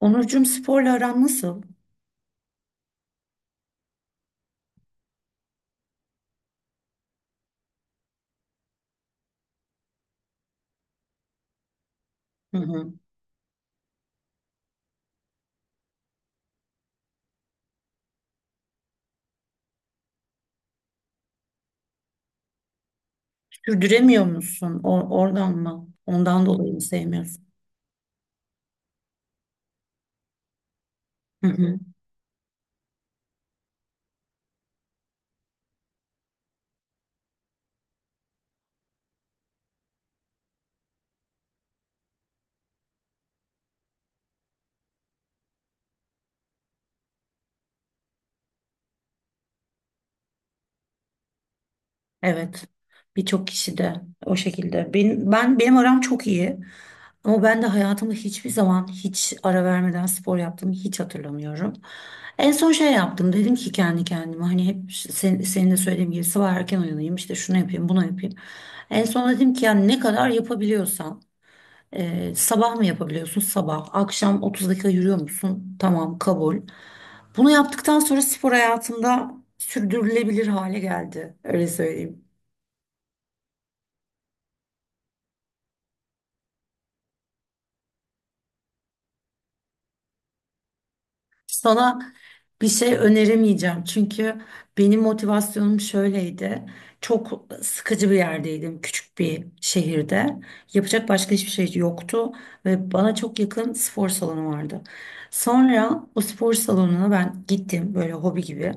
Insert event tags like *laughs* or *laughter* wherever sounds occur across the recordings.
Onurcuğum, sporla aran nasıl? Hı hı. Sürdüremiyor musun? Oradan mı? Ondan dolayı mı sevmiyorsun? Hı hı. Evet. Birçok kişi de o şekilde. Benim aram çok iyi. Ama ben de hayatımda hiçbir zaman hiç ara vermeden spor yaptığımı hiç hatırlamıyorum. En son şey yaptım. Dedim ki kendi kendime, hani hep sen, senin de söylediğim gibi sabah erken uyanayım, işte şunu yapayım bunu yapayım. En son dedim ki yani ne kadar yapabiliyorsam. Sabah mı yapabiliyorsun? Sabah. Akşam 30 dakika yürüyor musun? Tamam, kabul. Bunu yaptıktan sonra spor hayatımda sürdürülebilir hale geldi. Öyle söyleyeyim. Sana bir şey öneremeyeceğim çünkü benim motivasyonum şöyleydi. Çok sıkıcı bir yerdeydim, küçük bir şehirde. Yapacak başka hiçbir şey yoktu ve bana çok yakın spor salonu vardı. Sonra o spor salonuna ben gittim, böyle hobi gibi.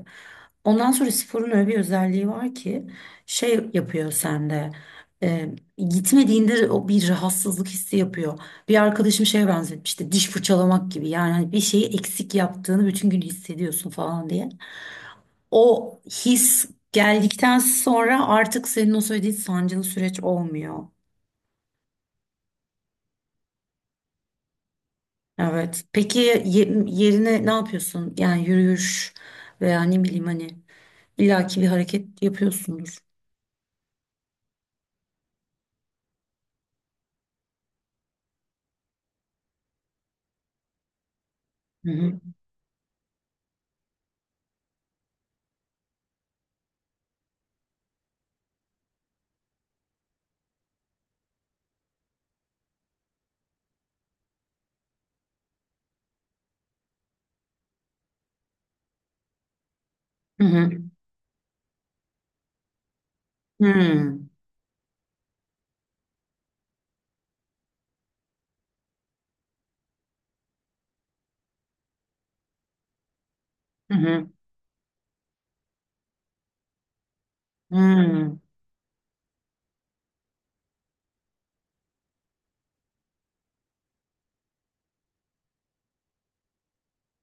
Ondan sonra sporun öyle bir özelliği var ki şey yapıyor sende. e, Gitmediğinde o bir rahatsızlık hissi yapıyor. Bir arkadaşım şeye benzetmişti, diş fırçalamak gibi, yani hani bir şeyi eksik yaptığını bütün gün hissediyorsun falan diye. O his geldikten sonra artık senin o söylediğin sancılı süreç olmuyor. Evet. Peki yerine ne yapıyorsun? Yani yürüyüş veya ne bileyim, hani illaki bir hareket yapıyorsundur. Hı hı. Hı hı. Hı hı. Hı hı.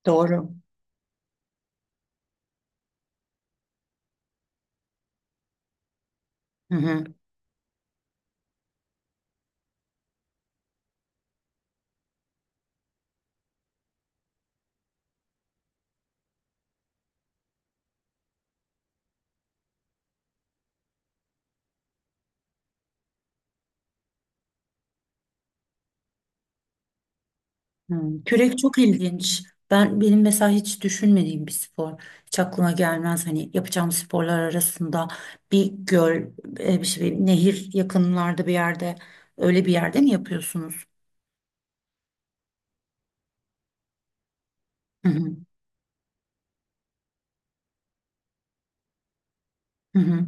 Doğru. Hı hı. Hmm, kürek çok ilginç. Benim mesela hiç düşünmediğim bir spor. Hiç aklıma gelmez hani yapacağım sporlar arasında. Bir göl, e, bir şey, nehir yakınlarda bir yerde, öyle bir yerde mi yapıyorsunuz? Hı hı. Hı hı.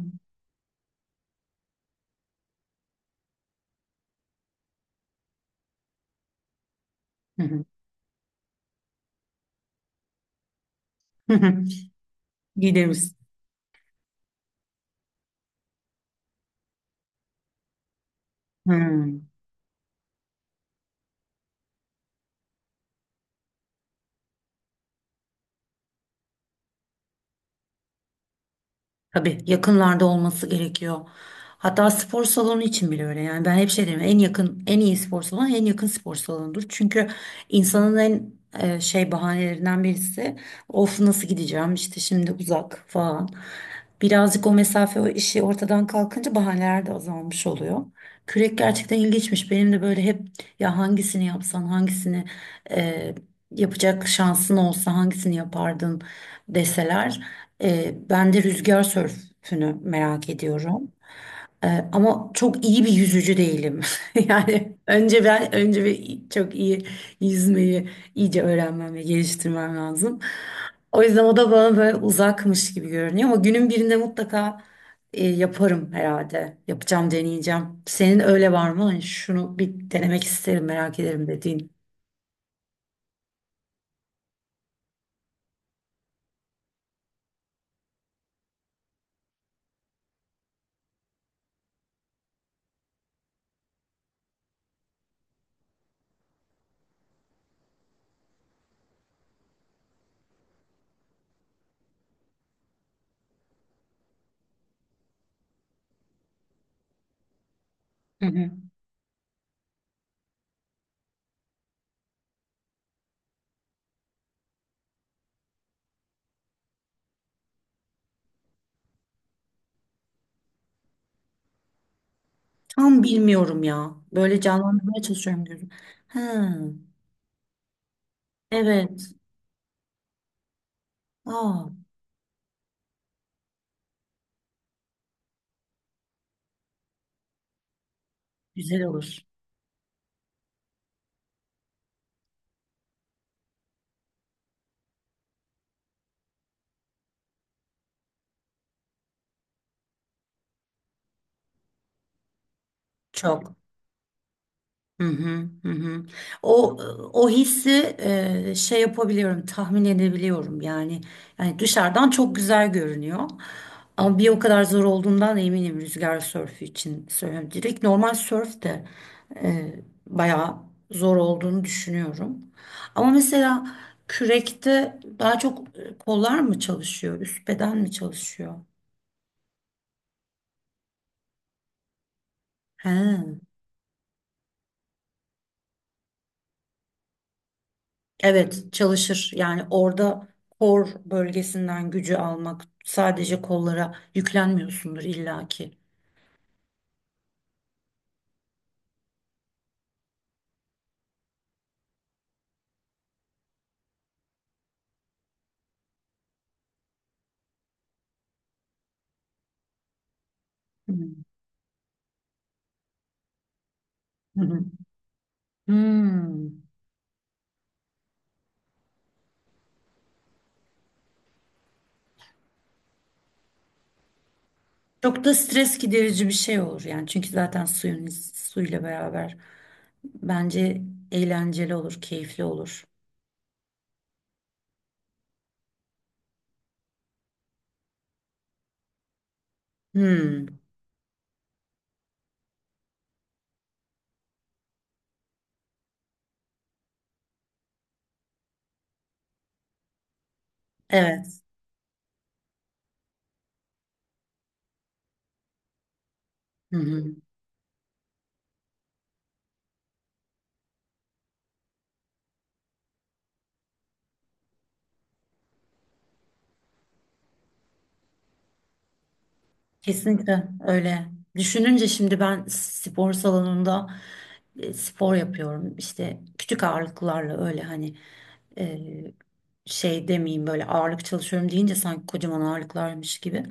Hı hı. *laughs* Gideriz. Hı. Tabii yakınlarda olması gerekiyor. Hatta spor salonu için bile öyle. Yani ben hep şey derim, en yakın en iyi spor salonu en yakın spor salonudur. Çünkü insanın en e, şey bahanelerinden birisi, of nasıl gideceğim işte şimdi uzak falan. Birazcık o mesafe o işi ortadan kalkınca bahaneler de azalmış oluyor. Kürek gerçekten ilginçmiş. Benim de böyle hep, ya hangisini yapsan, hangisini e, yapacak şansın olsa hangisini yapardın deseler, ben de rüzgar sörfünü merak ediyorum. Ama çok iyi bir yüzücü değilim. *laughs* Yani önce ben bir çok iyi yüzmeyi iyice öğrenmem ve geliştirmem lazım. O yüzden o da bana böyle uzakmış gibi görünüyor, ama günün birinde mutlaka e, yaparım herhalde. Yapacağım, deneyeceğim. Senin öyle var mı? Hani şunu bir denemek isterim, merak ederim dediğin. Hı hı. Tam bilmiyorum ya. Böyle canlandırmaya çalışıyorum gözüm. Ha, evet. Aa, güzel olur. Çok. Hı hı, hı hı. O o hissi e, şey yapabiliyorum, tahmin edebiliyorum yani. Yani dışarıdan çok güzel görünüyor. Ama bir o kadar zor olduğundan eminim, rüzgar sörfü için söylüyorum. Direkt normal sörf de e, bayağı zor olduğunu düşünüyorum. Ama mesela kürekte daha çok e, kollar mı çalışıyor, üst beden mi çalışıyor? He. Evet, çalışır. Yani orada kor bölgesinden gücü almak, sadece kollara yüklenmiyorsundur illaki. Hmm. Hı hı. Hmm. Çok da stres giderici bir şey olur yani, çünkü zaten suyla beraber, bence eğlenceli olur, keyifli olur. Hmm. Evet. Hı hı. Kesinlikle öyle. Düşününce şimdi ben spor salonunda e, spor yapıyorum. İşte küçük ağırlıklarla, öyle hani e, şey demeyeyim, böyle ağırlık çalışıyorum deyince sanki kocaman ağırlıklarmış gibi.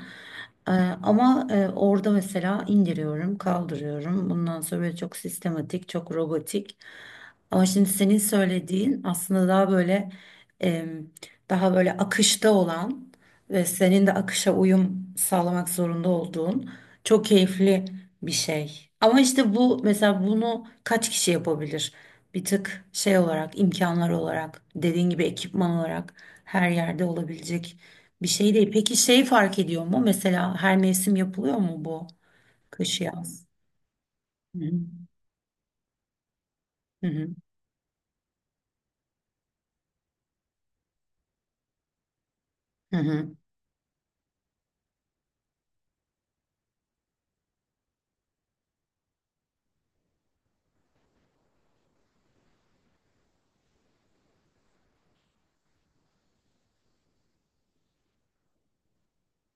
E, ama e, orada mesela indiriyorum, kaldırıyorum. Bundan sonra böyle çok sistematik, çok robotik. Ama şimdi senin söylediğin aslında daha böyle e, daha böyle akışta olan ve senin de akışa uyum sağlamak zorunda olduğun çok keyifli bir şey. Ama işte bu mesela, bunu kaç kişi yapabilir? Bir tık şey olarak, imkanlar olarak, dediğin gibi ekipman olarak her yerde olabilecek bir şey değil. Peki şey fark ediyor mu? Mesela her mevsim yapılıyor mu bu? Kış, yaz. Hı hı. Hı hı. Hı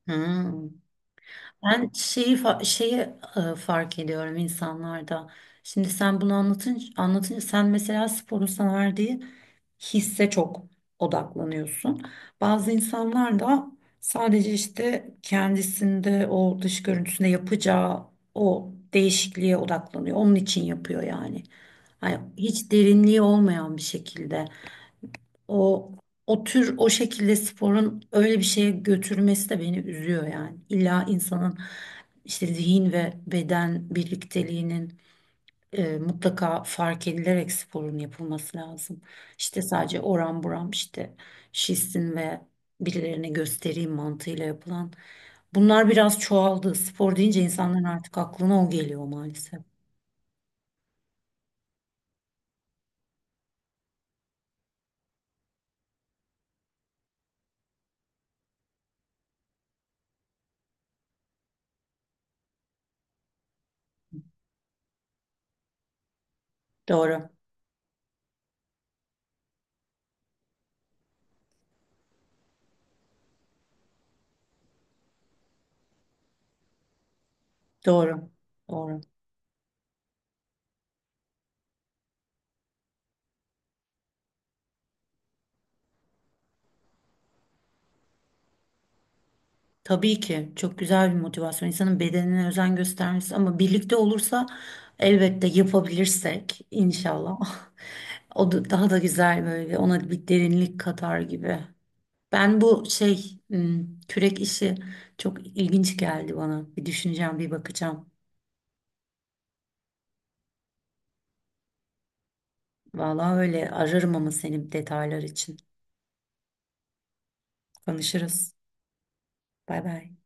hı. Hı. Ben şeyi e, fark ediyorum insanlarda. Şimdi sen bunu anlatınca, sen mesela sporun sana verdiği hisse çok odaklanıyorsun. Bazı insanlar da sadece işte kendisinde o dış görüntüsünde yapacağı o değişikliğe odaklanıyor. Onun için yapıyor yani. Hani hiç derinliği olmayan bir şekilde. O o şekilde sporun öyle bir şeye götürmesi de beni üzüyor yani. İlla insanın işte zihin ve beden birlikteliğinin e, mutlaka fark edilerek sporun yapılması lazım. İşte sadece oram buram işte şişsin ve birilerine göstereyim mantığıyla yapılan. Bunlar biraz çoğaldı. Spor deyince insanların artık aklına o geliyor maalesef. Doğru. Doğru. Doğru. Tabii ki çok güzel bir motivasyon. İnsanın bedenine özen göstermesi, ama birlikte olursa elbette, yapabilirsek inşallah. *laughs* O da daha da güzel, böyle ona bir derinlik katar gibi. Ben bu şey hmm, kürek işi çok ilginç geldi bana. Bir düşüneceğim, bir bakacağım. Vallahi öyle ararım ama senin, detaylar için. Konuşuruz. Bay bay.